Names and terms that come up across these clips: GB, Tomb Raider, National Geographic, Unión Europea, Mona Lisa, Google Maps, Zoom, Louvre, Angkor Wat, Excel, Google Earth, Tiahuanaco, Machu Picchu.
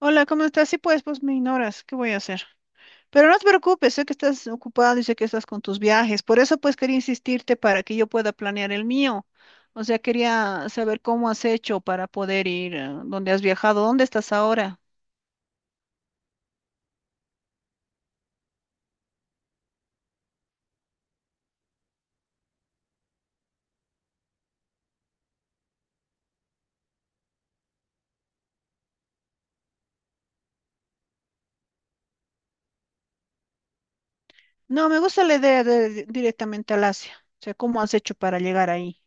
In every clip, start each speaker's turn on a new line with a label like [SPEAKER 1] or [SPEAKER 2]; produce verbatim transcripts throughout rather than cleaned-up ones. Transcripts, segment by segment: [SPEAKER 1] Hola, ¿cómo estás? Sí, pues, pues me ignoras. ¿Qué voy a hacer? Pero no te preocupes, sé que estás ocupado y sé que estás con tus viajes. Por eso, pues, quería insistirte para que yo pueda planear el mío. O sea, quería saber cómo has hecho para poder ir, eh, dónde has viajado, dónde estás ahora. No, me gusta la idea de de- directamente al Asia. O sea, ¿cómo has hecho para llegar ahí?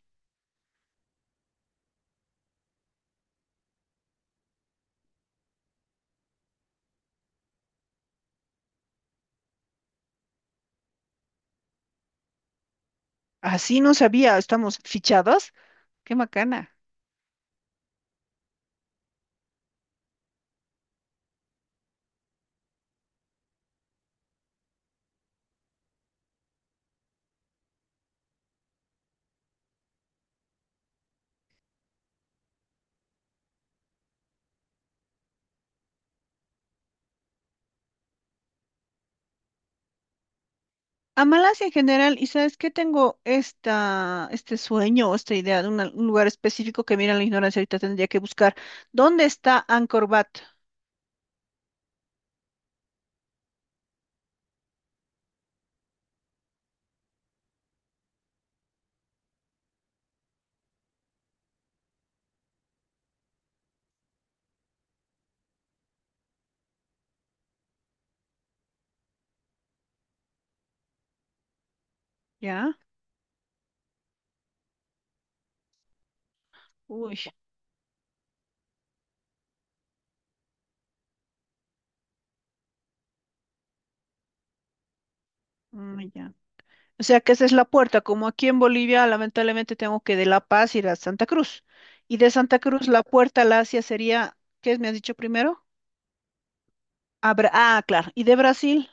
[SPEAKER 1] Así no sabía, estamos fichados. Qué macana. A Malasia en general, y sabes que tengo esta, este sueño o esta idea de una- un lugar específico que mira la ignorancia, ahorita tendría que buscar. ¿Dónde está Angkor Wat? ¿Ya? Uy, mm, ya. O sea que esa es la puerta, como aquí en Bolivia, lamentablemente tengo que de La Paz ir a Santa Cruz. Y de Santa Cruz la puerta al Asia sería, ¿qué me has dicho primero? A ah, claro. ¿Y de Brasil?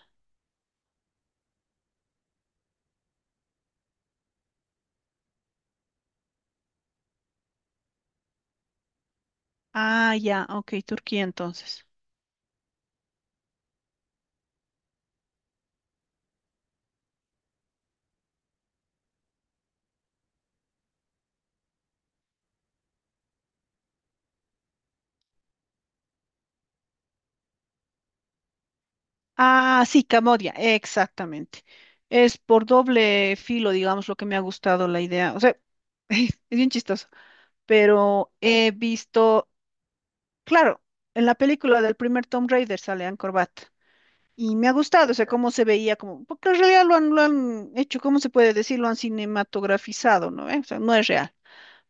[SPEAKER 1] Ah, ya, ok, Turquía entonces. Ah, sí, Camodia, exactamente. Es por doble filo, digamos, lo que me ha gustado la idea. O sea, es bien chistoso, pero he visto, claro, en la película del primer Tomb Raider sale Angkor Wat y me ha gustado, o sea, cómo se veía, como, porque en realidad lo han, lo han hecho, ¿cómo se puede decir? Lo han cinematografizado, ¿no? ¿Eh? O sea, no es real,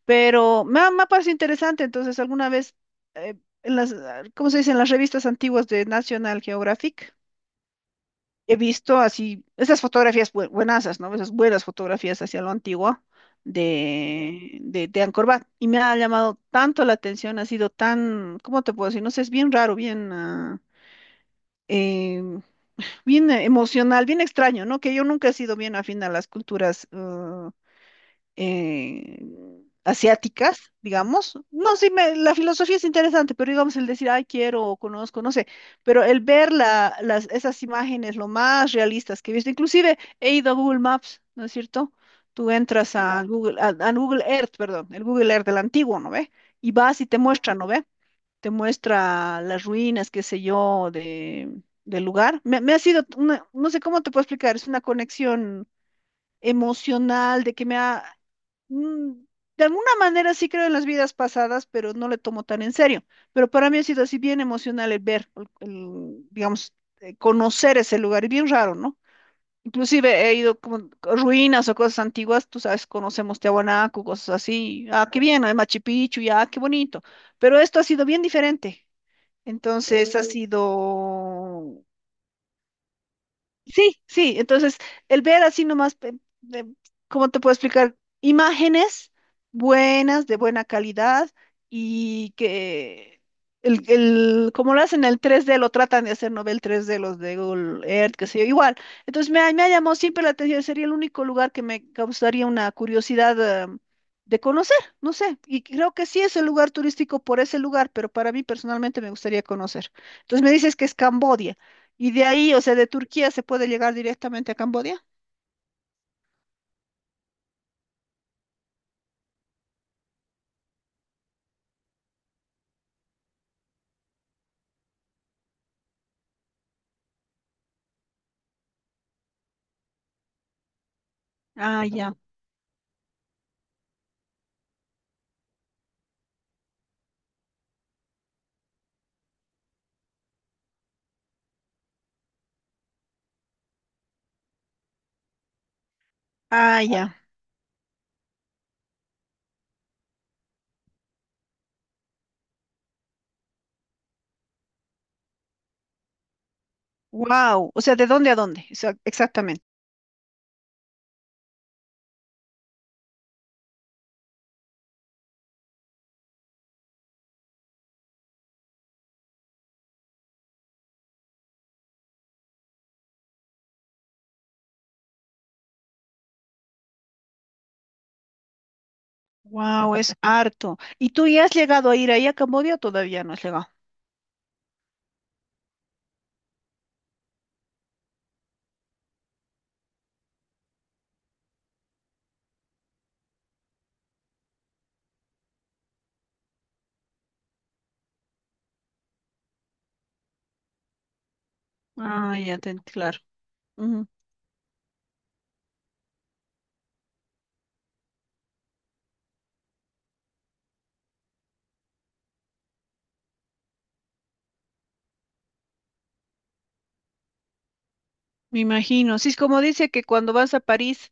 [SPEAKER 1] pero me ha, me ha parecido interesante, entonces alguna vez, eh, en las, ah, ¿cómo se dice? En las revistas antiguas de National Geographic he visto así, esas fotografías bue- buenazas, ¿no? Esas buenas fotografías hacia lo antiguo de, de, de Angkor Wat. Y me ha llamado tanto la atención, ha sido tan, ¿cómo te puedo decir? No sé, es bien raro, bien, ah, eh, bien eh, emocional, bien extraño, ¿no? Que yo nunca he sido bien afín a las culturas ah, eh, asiáticas, digamos. No, sí, me- la filosofía es interesante, pero digamos el decir, ay, quiero o conozco, no sé, pero el ver la- las, esas imágenes lo más realistas que he visto, inclusive he ido a Google Maps, ¿no es cierto? Tú entras a Google, a, a Google Earth, perdón, el Google Earth del antiguo, ¿no ve? Y vas y te muestra, ¿no ve? Te muestra las ruinas, qué sé yo, de, del lugar. Me, me ha sido, una- no sé cómo te puedo explicar, es una conexión emocional, de que me ha mm, de alguna manera sí creo en las vidas pasadas, pero no le tomo tan en serio. Pero para mí ha sido así bien emocional el ver, el- el, digamos, eh, conocer ese lugar. Y bien raro, ¿no? Inclusive he ido como a ruinas o cosas antiguas, tú sabes, conocemos Tiahuanaco, cosas así. Ah, qué bien, hay Machu Picchu, ya, qué bonito. Pero esto ha sido bien diferente. Entonces ha sido Sí, sí, entonces el ver así nomás, pe- de- ¿cómo te puedo explicar? Imágenes buenas, de buena calidad y que el, el, como lo hacen el tres D, lo tratan de hacer, no ve el tres D, los de Google Earth, qué sé yo, igual. Entonces me, ha- me ha llamado siempre la atención, sería el único lugar que me causaría una curiosidad, eh, de conocer, no sé, y creo que sí es el lugar turístico por ese lugar, pero para mí personalmente me gustaría conocer. Entonces me dices que es Cambodia. Y de ahí, o sea, de Turquía se puede llegar directamente a Camboya. Ah, ya. Ah, ya. Wow. O sea, ¿de dónde a dónde? O sea, exactamente. Wow, es harto. ¿Y tú ya has llegado a ir ahí a Camboya o todavía no has llegado? Ah, ya, te, claro. Me imagino. Sí, es como dice que cuando vas a París,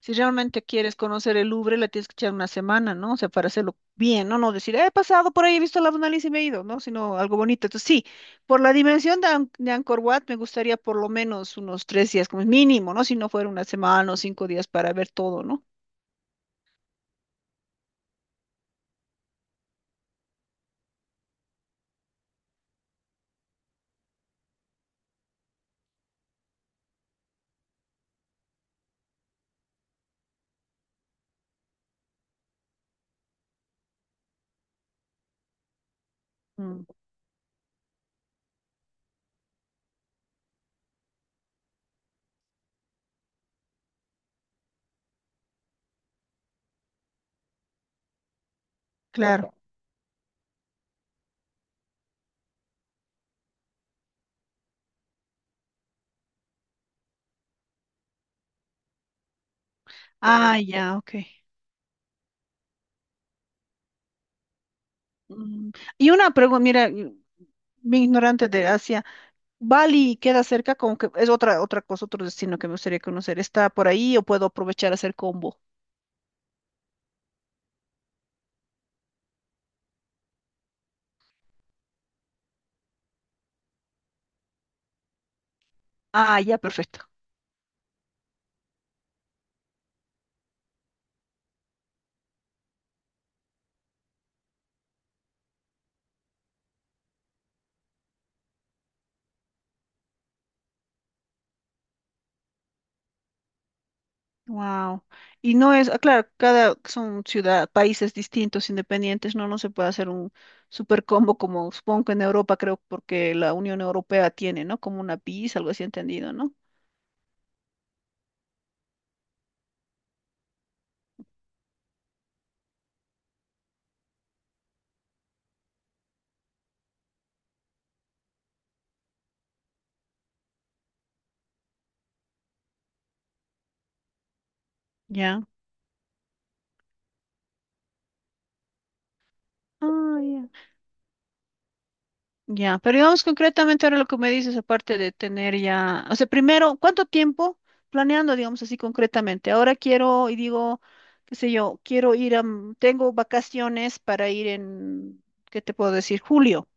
[SPEAKER 1] si realmente quieres conocer el Louvre, la tienes que echar una semana, ¿no? O sea, para hacerlo bien, ¿no? No decir, "Eh, he pasado por ahí, he visto la Mona Lisa y me he ido, ¿no? Sino algo bonito. Entonces, sí, por la dimensión de, An- de Angkor Wat, me gustaría por lo menos unos tres días como mínimo, ¿no? Si no fuera una semana o cinco días para ver todo, ¿no? Mm, claro. Ah, ya, ok. Mm, Y una pregunta, mira, mm, bien ignorante de Asia, ¿Bali queda cerca? Como que es otra, otra cosa, otro destino que me gustaría conocer. ¿Está por ahí o puedo aprovechar a hacer combo? Ah, ya, perfecto. Wow. Y no es, ah, claro, cada son ciudad, países distintos, independientes, no, no se puede hacer un super combo como supongo que en Europa, creo, porque la Unión Europea tiene, ¿no? Como una P I S, algo así entendido, ¿no? Ya. Ah, ya. Ya, pero digamos concretamente ahora lo que me dices, aparte de tener ya, o sea, primero, ¿cuánto tiempo planeando, digamos así concretamente? Ahora quiero y digo, qué sé yo, quiero ir a, m- tengo vacaciones para ir en, ¿qué te puedo decir? Julio.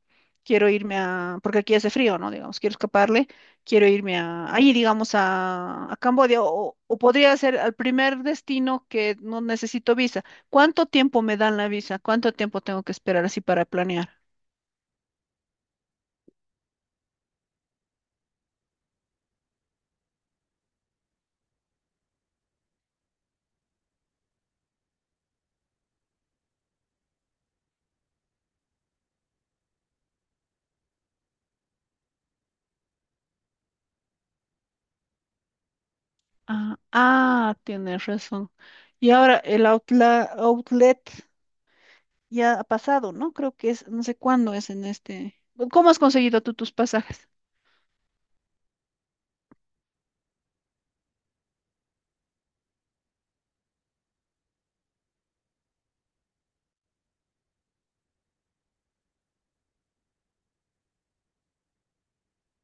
[SPEAKER 1] Quiero irme a, porque aquí hace frío, ¿no? Digamos, quiero escaparle, quiero irme a, ahí, digamos, a, a Camboya, o, o podría ser al primer destino que no necesito visa. ¿Cuánto tiempo me dan la visa? ¿Cuánto tiempo tengo que esperar así para planear? Ah, ah, tienes razón. Y ahora el outla- outlet ya ha pasado, ¿no? Creo que es, no sé cuándo es en este. ¿Cómo has conseguido tú tus pasajes?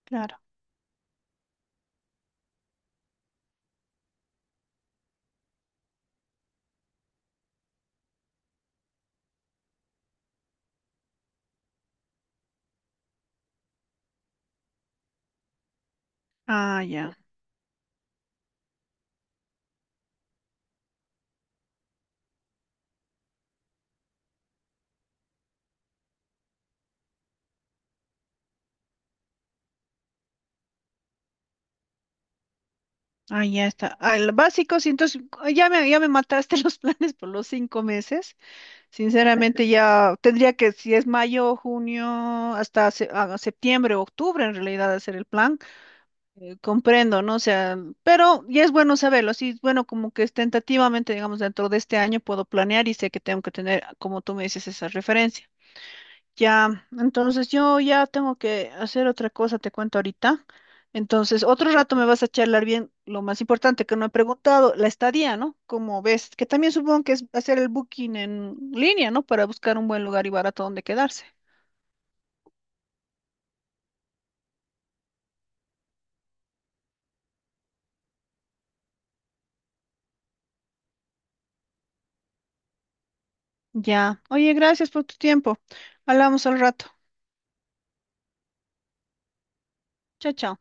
[SPEAKER 1] Claro. Ah, ya. Ah, ya está. Al básico, sí, entonces ah, ya me, ya me mataste los planes por los cinco meses. Sinceramente, ya tendría que, si es mayo, junio, hasta se- ah, septiembre, octubre, en realidad, hacer el plan. Eh, comprendo, ¿no? O sea, pero ya es bueno saberlo. Así, bueno, como que es tentativamente, digamos, dentro de este año puedo planear y sé que tengo que tener, como tú me dices, esa referencia. Ya, entonces yo ya tengo que hacer otra cosa, te cuento ahorita. Entonces, otro rato me vas a charlar bien lo más importante que no he preguntado, la estadía, ¿no? Como ves, que también supongo que es hacer el booking en línea, ¿no? Para buscar un buen lugar y barato donde quedarse. Ya. Oye, gracias por tu tiempo. Hablamos al rato. Chao, chao.